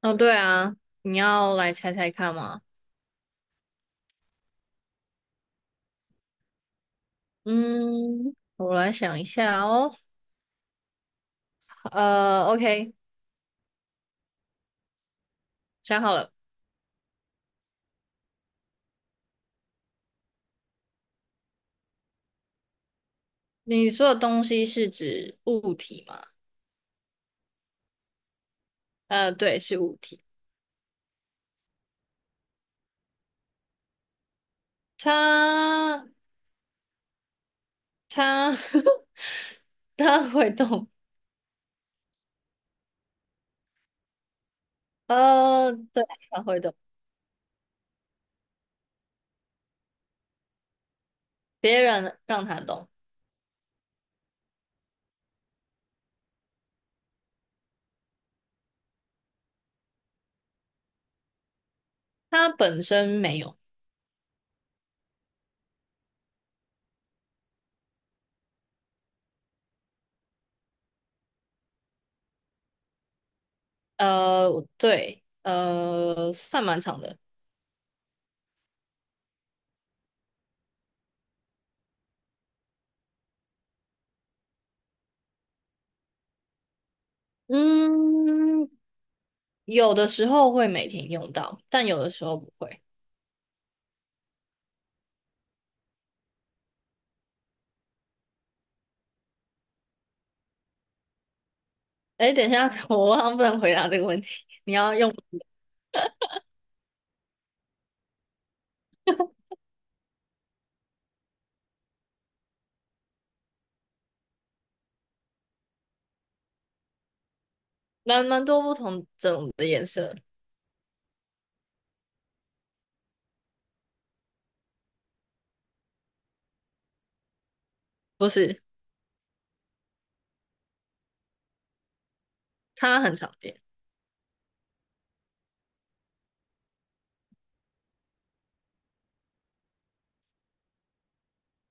哦，对啊，你要来猜猜看吗？嗯，我来想一下哦。OK,想好了。你说的东西是指物体吗？对，是物体。它它 它会动。对，它会动。别人让它动，它本身没有。呃，对，算蛮长的。嗯，有的时候会每天用到，但有的时候不会。哎，等一下，我好像不能回答这个问题。你要用蛮多不同种的颜色，不是？它很常见。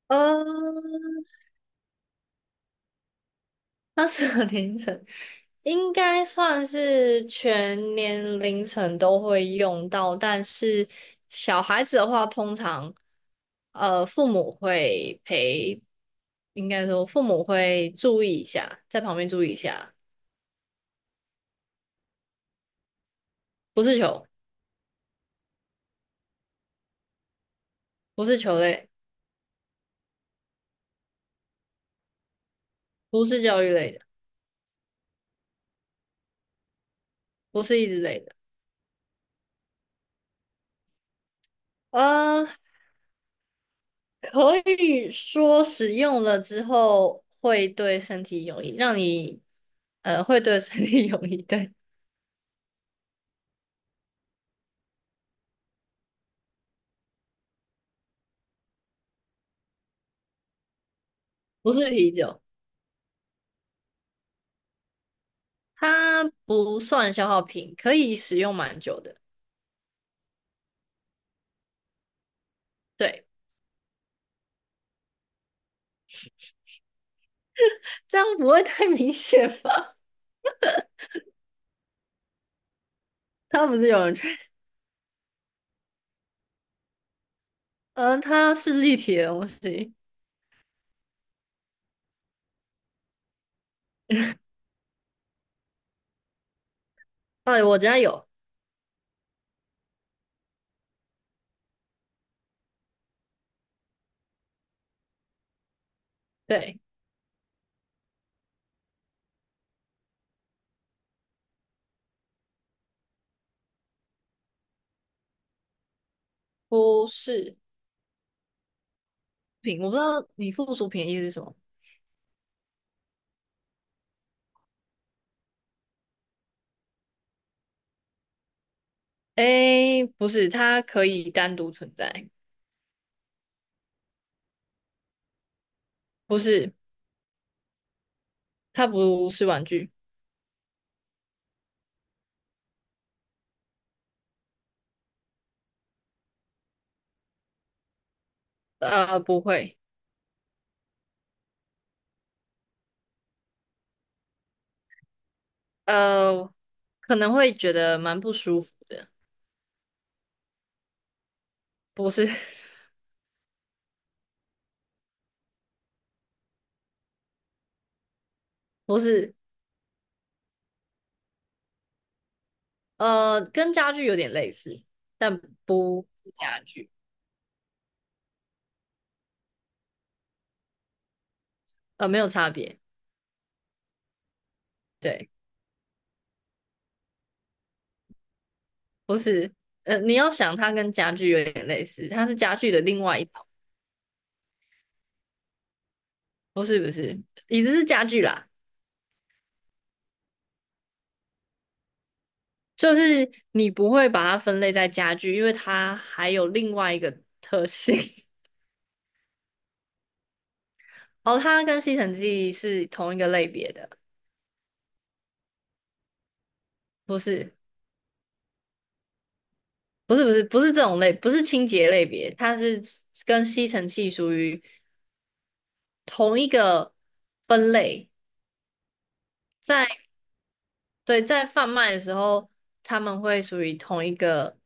嗯，它是个凌晨，应该算是全年凌晨都会用到，但是小孩子的话，通常父母会陪，应该说父母会注意一下，在旁边注意一下。不是球，不是球类，不是教育类的，不是益智类的。呃，可以说使用了之后会对身体有益，让你会对身体有益。对，不是啤酒，它不算消耗品，可以使用蛮久的。对，这样不会太明显吧？它不是有人圈，它是立体的东西。哎，我家有，对，不是品，我不知道你附属品的意思是什么。诶，不是，它可以单独存在，不是，它不是玩具，不会。呃，可能会觉得蛮不舒服的，不是 不是，跟家具有点类似，但不是家具，没有差别。对，你要想它跟家具有点类似，它是家具的另外一种，不是，椅子是家具啦，就是你不会把它分类在家具，因为它还有另外一个特性，哦，它跟吸尘器是同一个类别的，不是。不是这种类，不是清洁类别，它是跟吸尘器属于同一个分类，在对在贩卖的时候，他们会属于同一个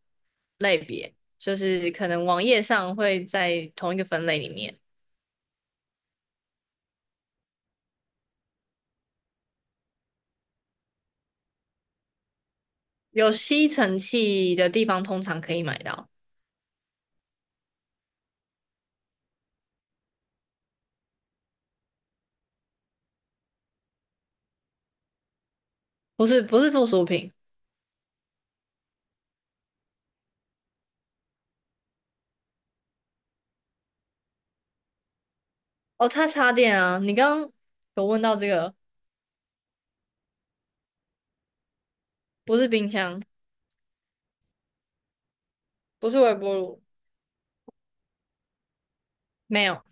类别，就是可能网页上会在同一个分类里面，有吸尘器的地方通常可以买到，不是不是附属品哦，它插电啊，你刚刚有问到这个，不是冰箱，不是微波炉，没有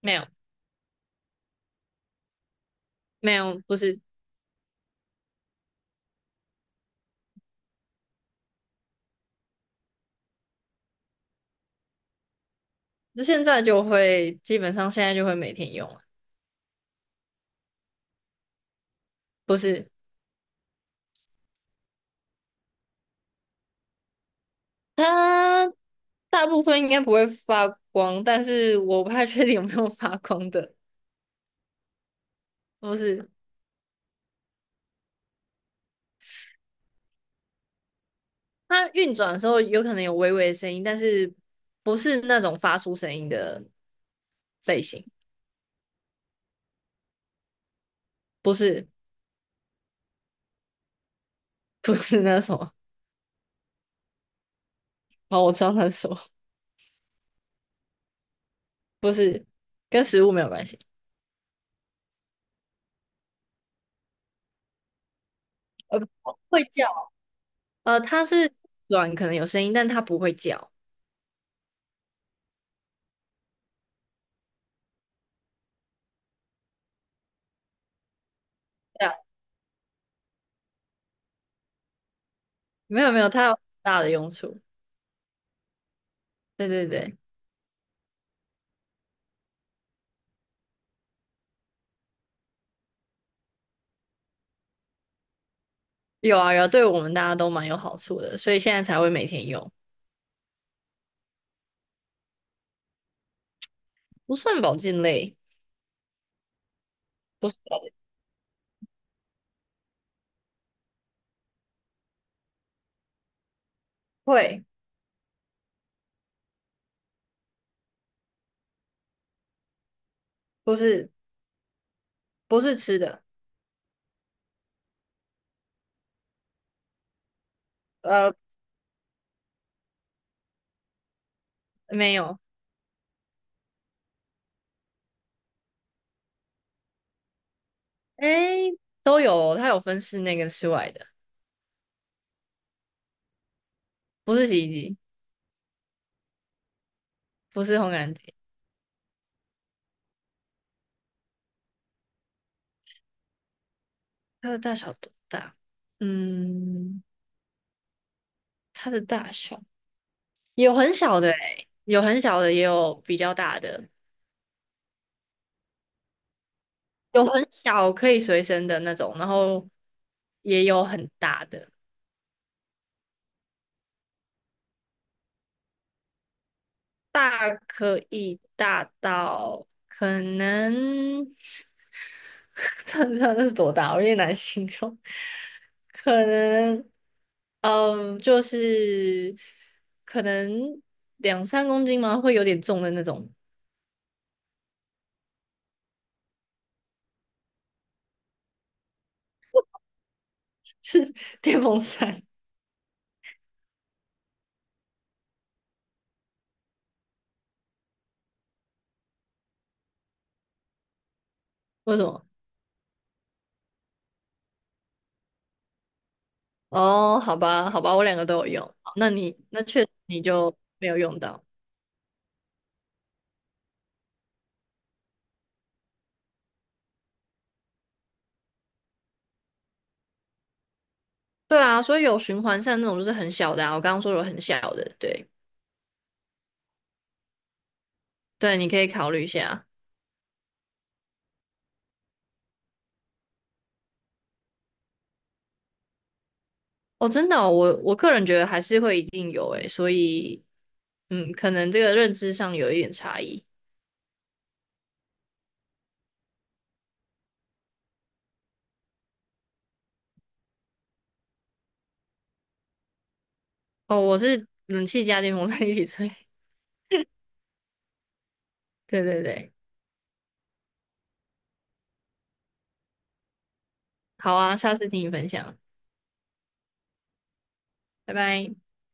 没有没有，不是。那现在就基本上现在就会每天用了，不是它大部分应该不会发光，但是我不太确定有没有发光的，不是它运转的时候有可能有微微的声音，但是不是那种发出声音的类型，不是不是那什么，哦，我知道那是什么，不是跟食物没有关系，不会叫，它是软可能有声音，但它不会叫，对啊，没有没有，它有大的用处，对对对。有啊有啊，对我们大家都蛮有好处的，所以现在才会每天用，不算保健类，不是保健，会，不是不是吃的，呃，没有，诶，都有哦它有分室内跟室外的，不是洗衣机，不是烘干机，它的大小多大？嗯，它的大小有很小的诶，有很小的，也有比较大的，有很小可以随身的那种，然后也有很大的。大可以大到可能，这是多大？我有点难形容。可能，嗯，就是可能2~3公斤吗？会有点重的那种，是电风扇。为什么？哦，好吧，好吧，我两个都有用。好那你那确实你就没有用到。对啊，所以有循环扇那种就是很小的啊，我刚刚说有很小的，对对，你可以考虑一下。哦，真的哦我我个人觉得还是会一定有诶，所以嗯，可能这个认知上有一点差异。哦，我是冷气加电风扇一起吹。对对对，好啊，下次听你分享，拜拜。